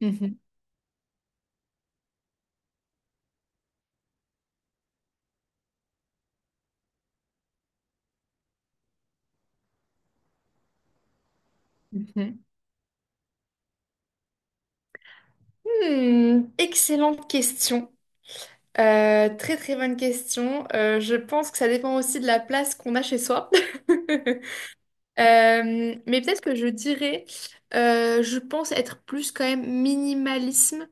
Mhm, mhm. Hmm, excellente question. Très très bonne question. Je pense que ça dépend aussi de la place qu'on a chez soi. Mais peut-être que je dirais, je pense être plus quand même minimalisme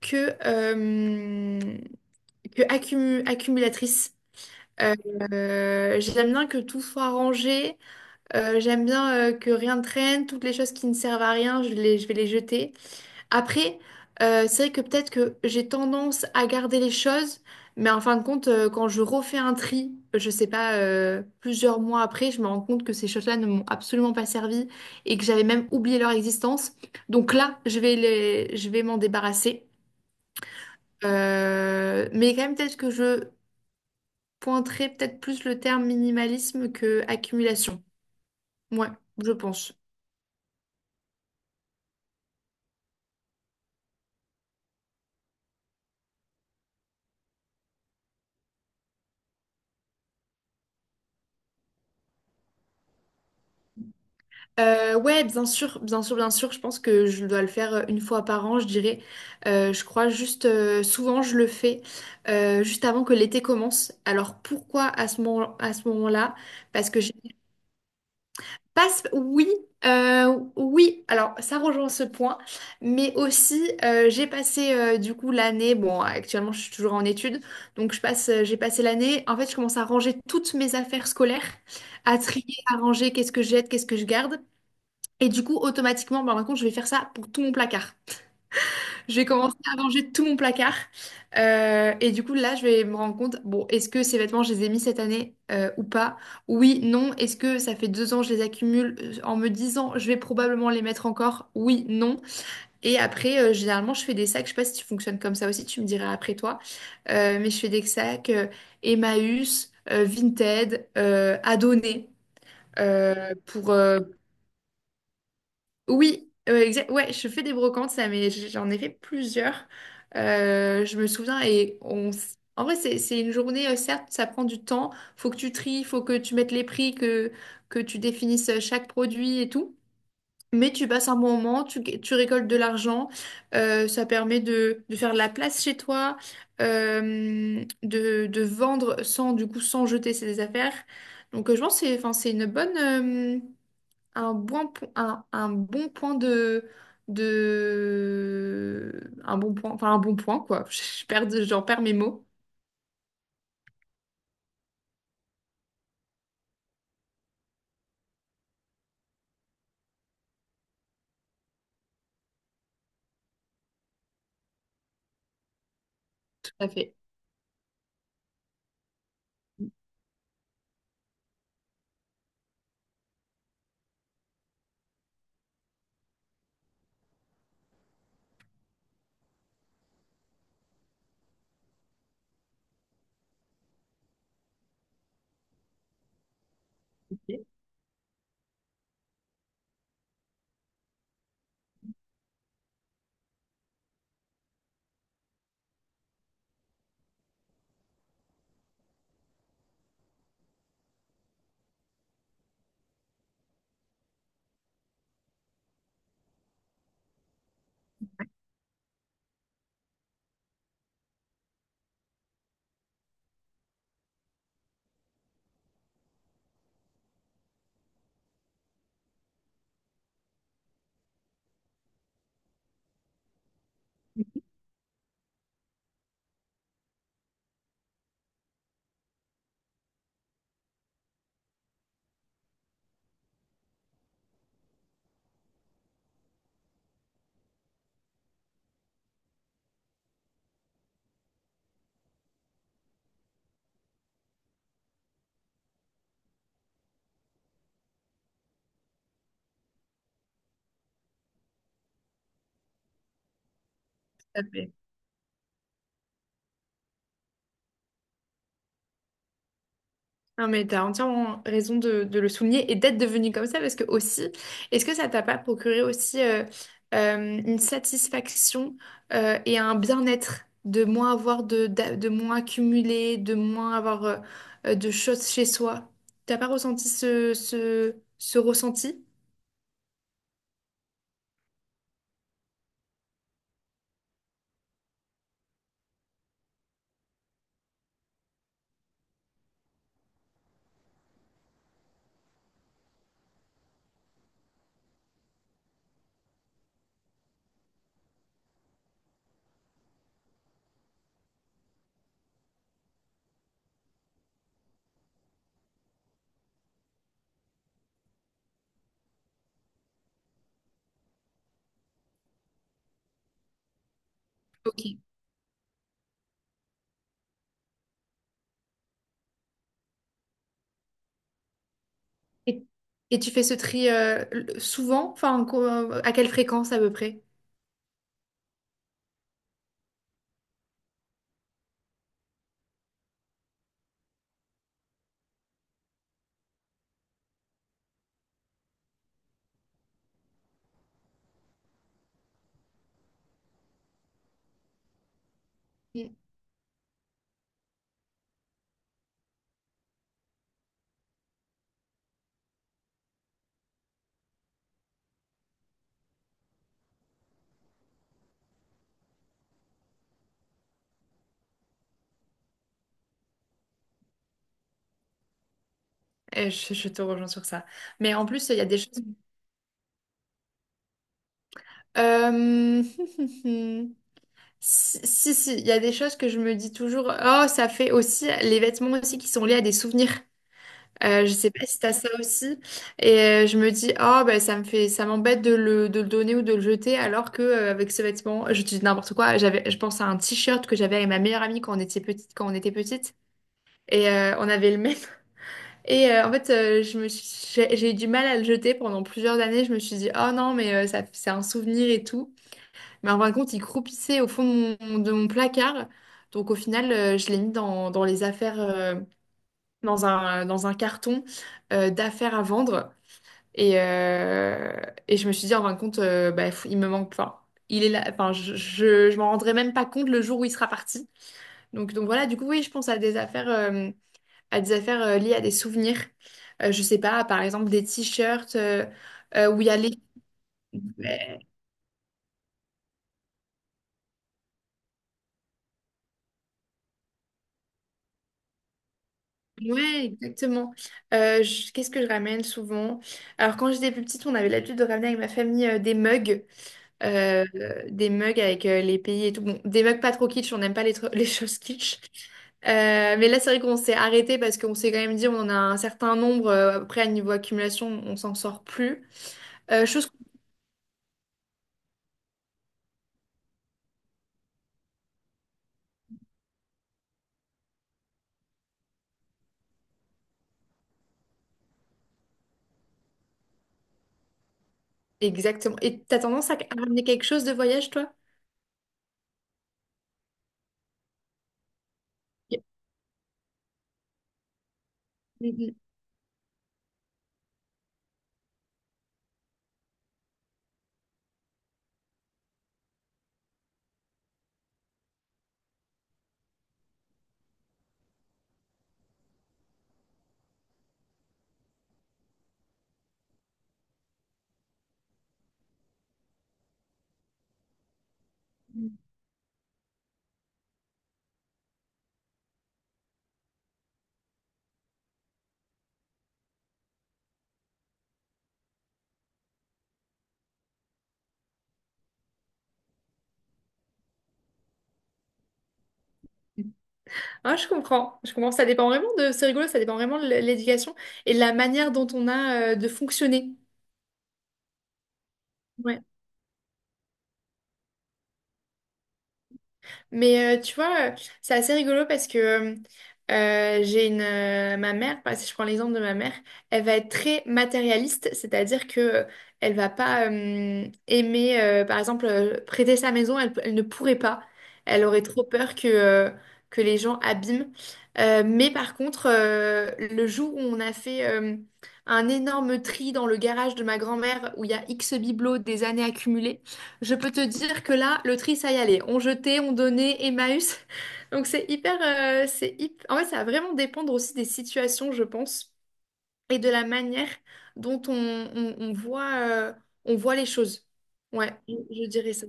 que, euh, que accumulatrice. Euh, J'aime bien que tout soit rangé. J'aime bien que rien ne traîne. Toutes les choses qui ne servent à rien, je vais les jeter. Après, c'est vrai que peut-être que j'ai tendance à garder les choses, mais en fin de compte, quand je refais un tri, je sais pas, plusieurs mois après, je me rends compte que ces choses-là ne m'ont absolument pas servi et que j'avais même oublié leur existence. Donc là, je vais m'en débarrasser. Mais quand même, peut-être que je pointerai peut-être plus le terme minimalisme que accumulation. Ouais, je pense. Ouais, bien sûr, bien sûr, bien sûr. Je pense que je dois le faire une fois par an, je dirais. Je crois juste, souvent je le fais juste avant que l'été commence. Alors pourquoi à ce moment, à ce moment-là? Parce que je passe, oui, oui. Alors ça rejoint ce point, mais aussi j'ai passé du coup l'année. Bon, actuellement je suis toujours en études, donc j'ai passé l'année. En fait, je commence à ranger toutes mes affaires scolaires, à trier, à ranger. Qu'est-ce que je jette, qu'est-ce que je garde. Et du coup, automatiquement, bah, par contre, je vais faire ça pour tout mon placard. Je vais commencer à ranger tout mon placard. Et du coup, là, je vais me rendre compte, bon, est-ce que ces vêtements, je les ai mis cette année ou pas? Oui, non. Est-ce que ça fait deux ans, je les accumule en me disant, je vais probablement les mettre encore? Oui, non. Et après, généralement, je fais des sacs. Je sais pas si tu fonctionnes comme ça aussi, tu me diras après toi. Mais je fais des sacs Emmaüs, Vinted, Adonné. Pour, oui, ouais, je fais des brocantes, ça, mais j'en ai fait plusieurs. Je me souviens en vrai, c'est une journée, certes, ça prend du temps. Faut que tu tries, faut que tu mettes les prix, que tu définisses chaque produit et tout. Mais tu passes un bon moment, tu récoltes de l'argent. Ça permet de faire de la place chez toi, de vendre sans, du coup, sans jeter ses affaires. Donc, je pense que c'est, enfin, c'est une bonne. Un bon, un bon point de. Un bon point, enfin un bon point, quoi. J'en perds mes mots. Tout à fait, tout à fait. Non, mais t'as entièrement raison de le souligner et d'être devenu comme ça, parce que aussi, est-ce que ça t'a pas procuré aussi une satisfaction et un bien-être de moins avoir de moins accumuler, de moins avoir de choses chez soi? T'as pas ressenti ce ressenti? Ok. Et, et tu fais ce tri souvent, enfin, à quelle fréquence à peu près? Mm. Je te rejoins sur ça. Mais en plus, il y a des choses. Euh, Si, si, si, il y a des choses que je me dis toujours. Oh, ça fait aussi les vêtements aussi qui sont liés à des souvenirs. Je sais pas si t'as ça aussi. Et je me dis, oh, bah, ça m'embête de le donner ou de le jeter, alors que avec ce vêtement, je dis n'importe quoi. Je pense à un t-shirt que j'avais avec ma meilleure amie quand on était petite, quand on était petite. Et on avait le même. Et en fait, j'ai eu du mal à le jeter pendant plusieurs années. Je me suis dit, oh non, mais ça, c'est un souvenir et tout. Mais en fin de compte, il croupissait au fond de mon placard. Donc au final, je l'ai mis dans les affaires, dans un carton d'affaires à vendre. Et, euh, et je me suis dit, en fin de compte, bah, il me manque. Enfin, il est là. Enfin, je m'en rendrai même pas compte le jour où il sera parti. Donc voilà, du coup, oui, je pense à des affaires. À des affaires liées à des souvenirs. Je sais pas, par exemple des t-shirts où il y a les... Ouais, ouais, exactement. Qu'est-ce que je ramène souvent? Alors quand j'étais plus petite, on avait l'habitude de ramener avec ma famille des mugs avec les pays et tout. Bon, des mugs pas trop kitsch, on n'aime pas les choses kitsch. Mais là, c'est vrai qu'on s'est arrêté parce qu'on s'est quand même dit on en a un certain nombre. Après, à niveau accumulation, on s'en sort plus. Chose Exactement. Et t'as tendance à ramener quelque chose de voyage, toi? Mhm. Ah, je comprends, je comprends. Ça dépend vraiment de, c'est rigolo, ça dépend vraiment de l'éducation et de la manière dont on a de fonctionner. Ouais. Mais tu vois, c'est assez rigolo parce que j'ai une ma mère, par- si je prends l'exemple de ma mère, elle va être très matérialiste, c'est-à-dire que elle va pas aimer, par exemple, prêter sa maison, elle ne pourrait pas. Elle aurait trop peur que les gens abîment. Mais par contre, le jour où on a fait un énorme tri dans le garage de ma grand-mère où il y a X bibelots des années accumulées, je peux te dire que là, le tri, ça y allait. On jetait, on donnait, Emmaüs. Donc c'est hyper, c'est hyp- en fait, ça va vraiment dépendre aussi des situations, je pense, et de la manière dont on voit, euh, les choses. Ouais, je dirais ça.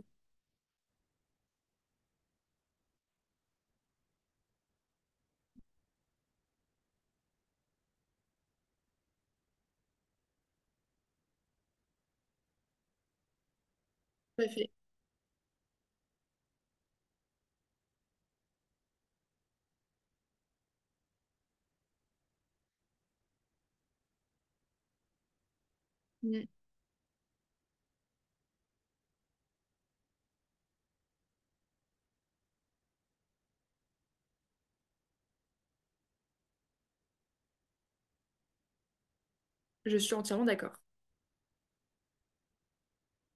Tout à fait. Mm. Je suis entièrement d'accord.